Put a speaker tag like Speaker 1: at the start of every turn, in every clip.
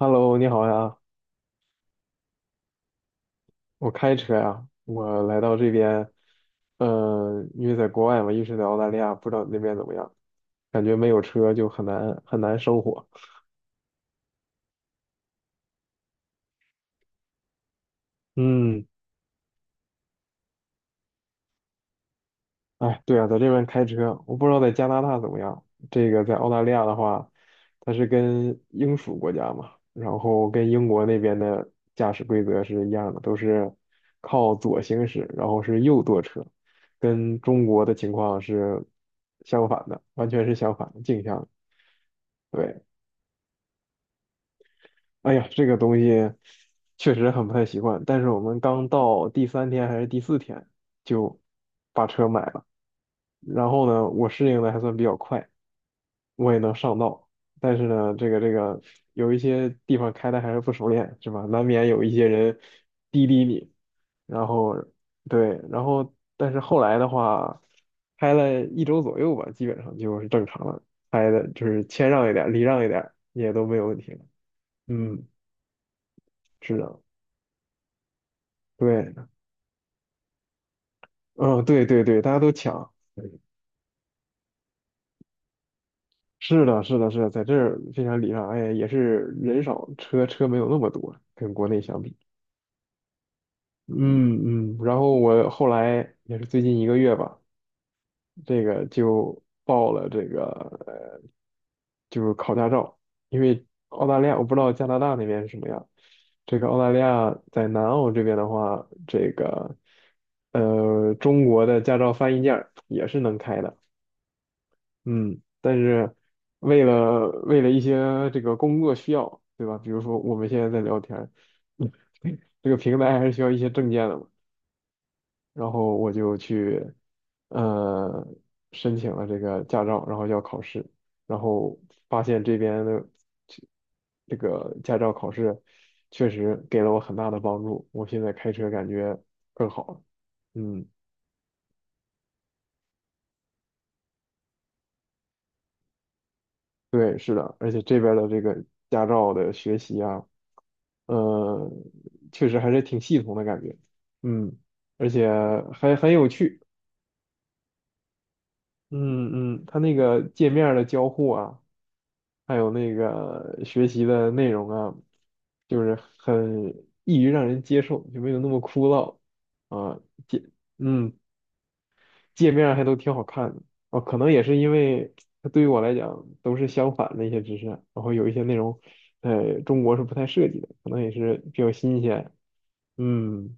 Speaker 1: Hello，你好呀，我开车呀，我来到这边，因为在国外嘛，一直在澳大利亚，不知道那边怎么样，感觉没有车就很难很难生活。嗯。哎，对啊，在这边开车，我不知道在加拿大怎么样。这个在澳大利亚的话，它是跟英属国家嘛，然后跟英国那边的驾驶规则是一样的，都是靠左行驶，然后是右舵车，跟中国的情况是相反的，完全是相反的镜像的。对。哎呀，这个东西确实很不太习惯，但是我们刚到第三天还是第四天就把车买了，然后呢，我适应的还算比较快，我也能上道，但是呢，这个有一些地方开的还是不熟练，是吧？难免有一些人滴滴你，然后对。然后但是后来的话，开了一周左右吧，基本上就是正常了，开的就是谦让一点，礼让一点也都没有问题了。嗯，是的。对。嗯，对对对，大家都抢。是的，是的，是的，在这儿非常礼让。哎，也是人少，车没有那么多，跟国内相比。嗯嗯。然后我后来也是最近一个月吧，这个就报了这个呃就是考驾照，因为澳大利亚我不知道加拿大那边是什么样。这个澳大利亚在南澳这边的话，这个中国的驾照翻译件儿也是能开的。嗯，但是为了一些这个工作需要，对吧？比如说我们现在在聊天儿，嗯，这个平台还是需要一些证件的嘛。然后我就去呃申请了这个驾照，然后要考试，然后发现这边的这这个驾照考试确实给了我很大的帮助，我现在开车感觉更好了。嗯。对，是的，而且这边儿的这个驾照的学习啊，呃，确实还是挺系统的感觉。嗯，而且还很有趣。嗯嗯，它那个界面儿的交互啊，还有那个学习的内容啊，就是很易于让人接受，就没有那么枯燥啊。接，嗯，界面还都挺好看的。哦，可能也是因为它对于我来讲都是相反的一些知识，然后有一些内容，中国是不太涉及的，可能也是比较新鲜。嗯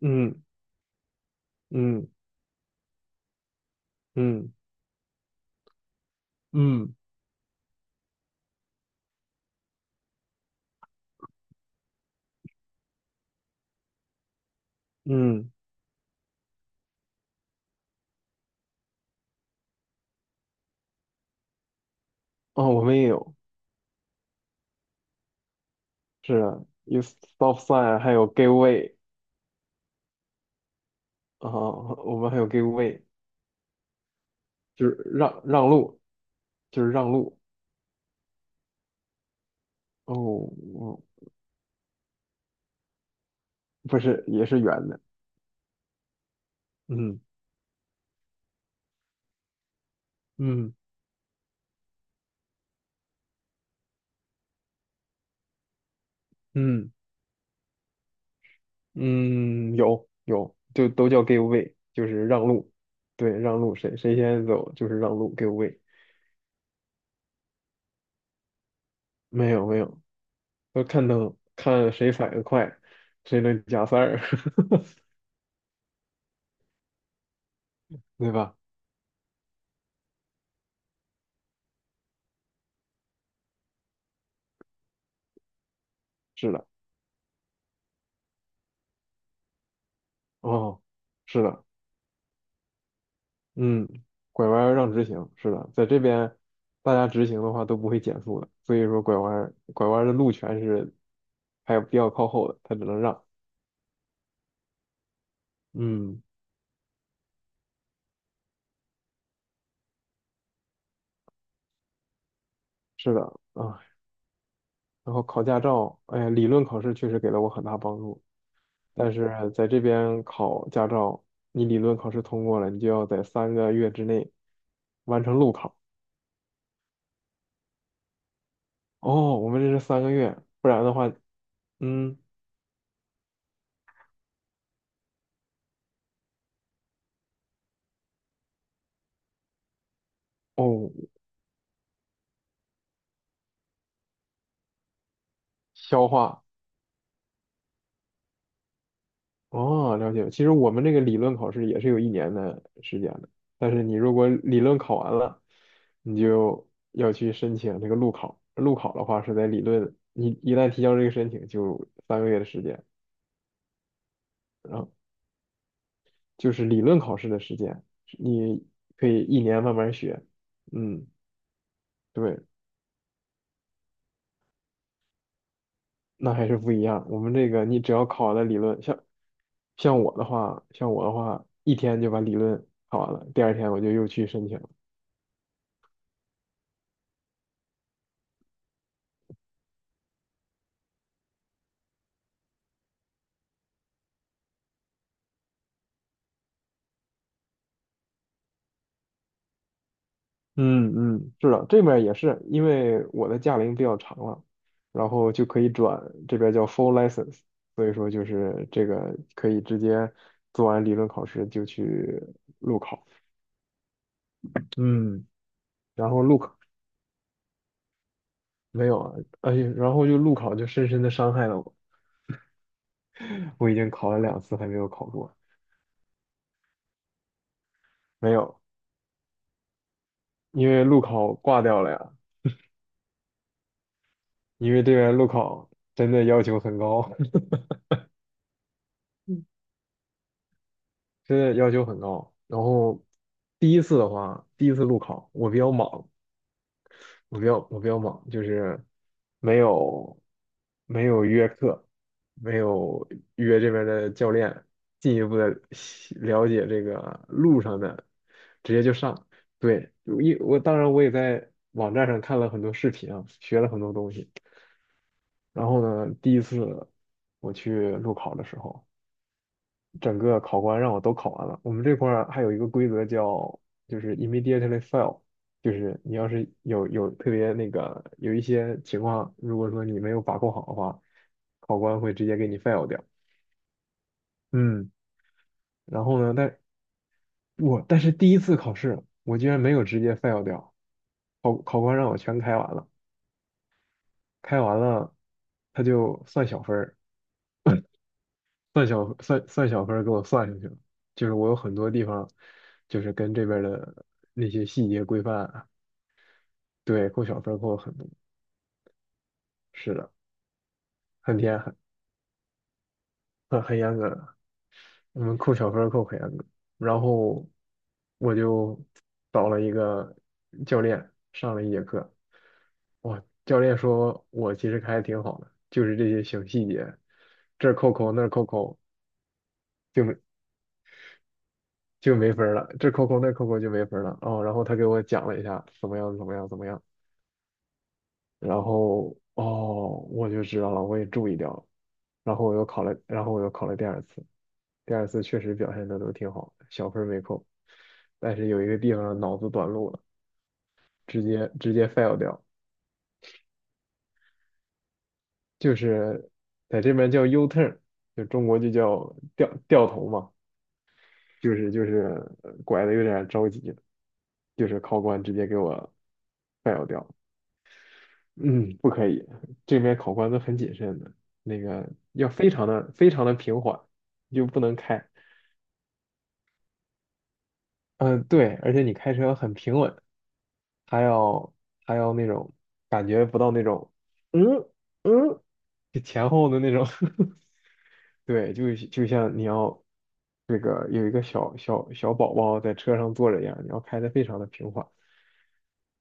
Speaker 1: 嗯嗯嗯嗯嗯。哦，我们也有。是啊，有 stop sign，还有 give way。 啊，我们还有 give way，就是让路，就是让路。哦。哦，不是，也是圆的。嗯嗯嗯。嗯，有，就都叫 give way，就是让路。对，让路，谁先走就是让路，give way。没有没有，要看灯，看谁反应快，谁能加塞儿。对吧？是的。哦，是的。嗯，拐弯儿让直行，是的，在这边大家直行的话都不会减速的，所以说拐弯儿的路权是还有比较靠后的，他只能让。嗯，是的。啊，然后考驾照，哎呀，理论考试确实给了我很大帮助，但是在这边考驾照，你理论考试通过了，你就要在三个月之内完成路考。哦，我们这是三个月，不然的话，嗯。哦，消化。哦，了解。其实我们这个理论考试也是有一年的时间的，但是你如果理论考完了，你就要去申请这个路考。路考的话是在理论，你一旦提交这个申请，就三个月的时间。然后。就是理论考试的时间，你可以一年慢慢学。嗯，对。那还是不一样。我们这个，你只要考了理论，像我的话，一天就把理论考完了，第二天我就又去申请了。嗯嗯，是的，这边儿也是，因为我的驾龄比较长了，然后就可以转，这边儿叫 full license，所以说就是这个可以直接做完理论考试就去路考。嗯，然后路考。没有啊，而且然后就路考就深深的伤害了我，我已经考了2次还没有考过。没有，因为路考挂掉了呀，因为这边路考真的要求很高。真的要求很高。然后第一次的话，第一次路考我比较莽，我比较忙，就是没有没有约课，没有约这边的教练进一步的了解这个路上的，直接就上。对，一我当然我也在网站上看了很多视频啊，学了很多东西。然后呢，第一次我去路考的时候，整个考官让我都考完了。我们这块儿还有一个规则叫，就是 immediately fail，就是你要是有特别那个有一些情况，如果说你没有把控好的话，考官会直接给你 fail 掉。嗯，然后呢，但是第一次考试，我居然没有直接 fail 掉，考官让我全开完了，开完了他就算小分儿，算小分儿给我算上去了，就是我有很多地方，就是跟这边儿的那些细节规范啊。对，扣小分儿扣了很多。是的，很严很很严格的，我们扣小分儿扣很严格，然后我就找了一个教练上了一节课，哇，教练说我其实开的挺好的，就是这些小细节，这儿扣扣那儿扣扣。就就没分儿了，这扣扣那扣扣就没分儿了哦。然后他给我讲了一下怎么样怎么样怎么样，然后哦我就知道了，我也注意掉了。然后我又考了第二次，第二次确实表现的都挺好，小分儿没扣，但是有一个地方脑子短路了，直接 fail 掉，就是在这边叫 U turn，就中国就叫掉头嘛，就是拐的有点着急，就是考官直接给我 fail 掉。嗯，不可以，这边考官都很谨慎的，那个要非常的非常的平缓，你就不能开。嗯，对，而且你开车很平稳，还要还要那种感觉不到那种，嗯嗯，就前后的那种。对，就像你要这个有一个小宝宝在车上坐着一样，你要开的非常的平缓。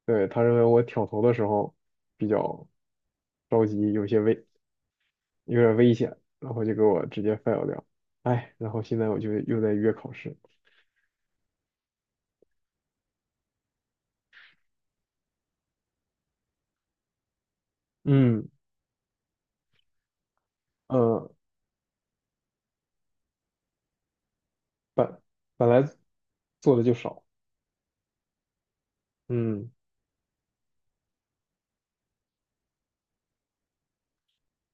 Speaker 1: 对，他认为我挑头的时候比较着急，有点危险，然后就给我直接 fail 掉。哎，然后现在我就又在约考试。嗯。呃，本本来做的就少。嗯，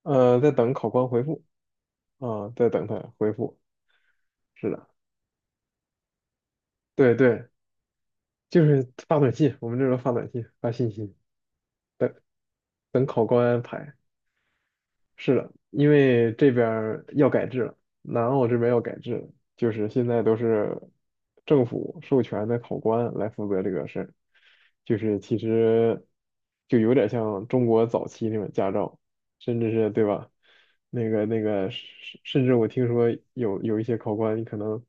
Speaker 1: 在等考官回复啊，在等他回复。是的，对对，就是发短信，我们这时候发短信，发信息，等等考官安排。是的，因为这边儿要改制了，南澳这边要改制了，就是现在都是政府授权的考官来负责这个事儿，就是其实就有点像中国早期那种驾照，甚至是对吧？那个那个，甚甚至我听说有一些考官，你可能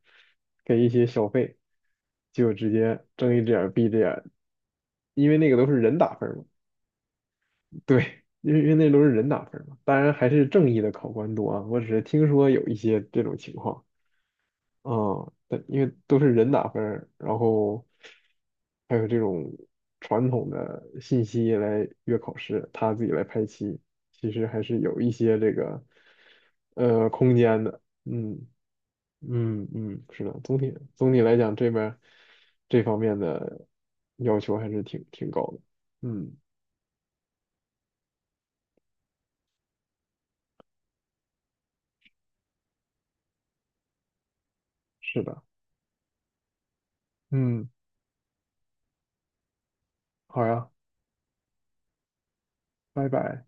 Speaker 1: 给一些小费，就直接睁一只眼儿闭一只眼儿，因为那个都是人打分儿嘛。对，因为那都是人打分嘛，当然还是正义的考官多啊。我只是听说有一些这种情况。嗯，但因为都是人打分儿然后还有这种传统的信息来约考试，他自己来排期，其实还是有一些这个空间的。嗯嗯嗯，是的，总体来讲，这边儿这方面的要求还是挺高的。嗯，是的。嗯，好呀。拜拜。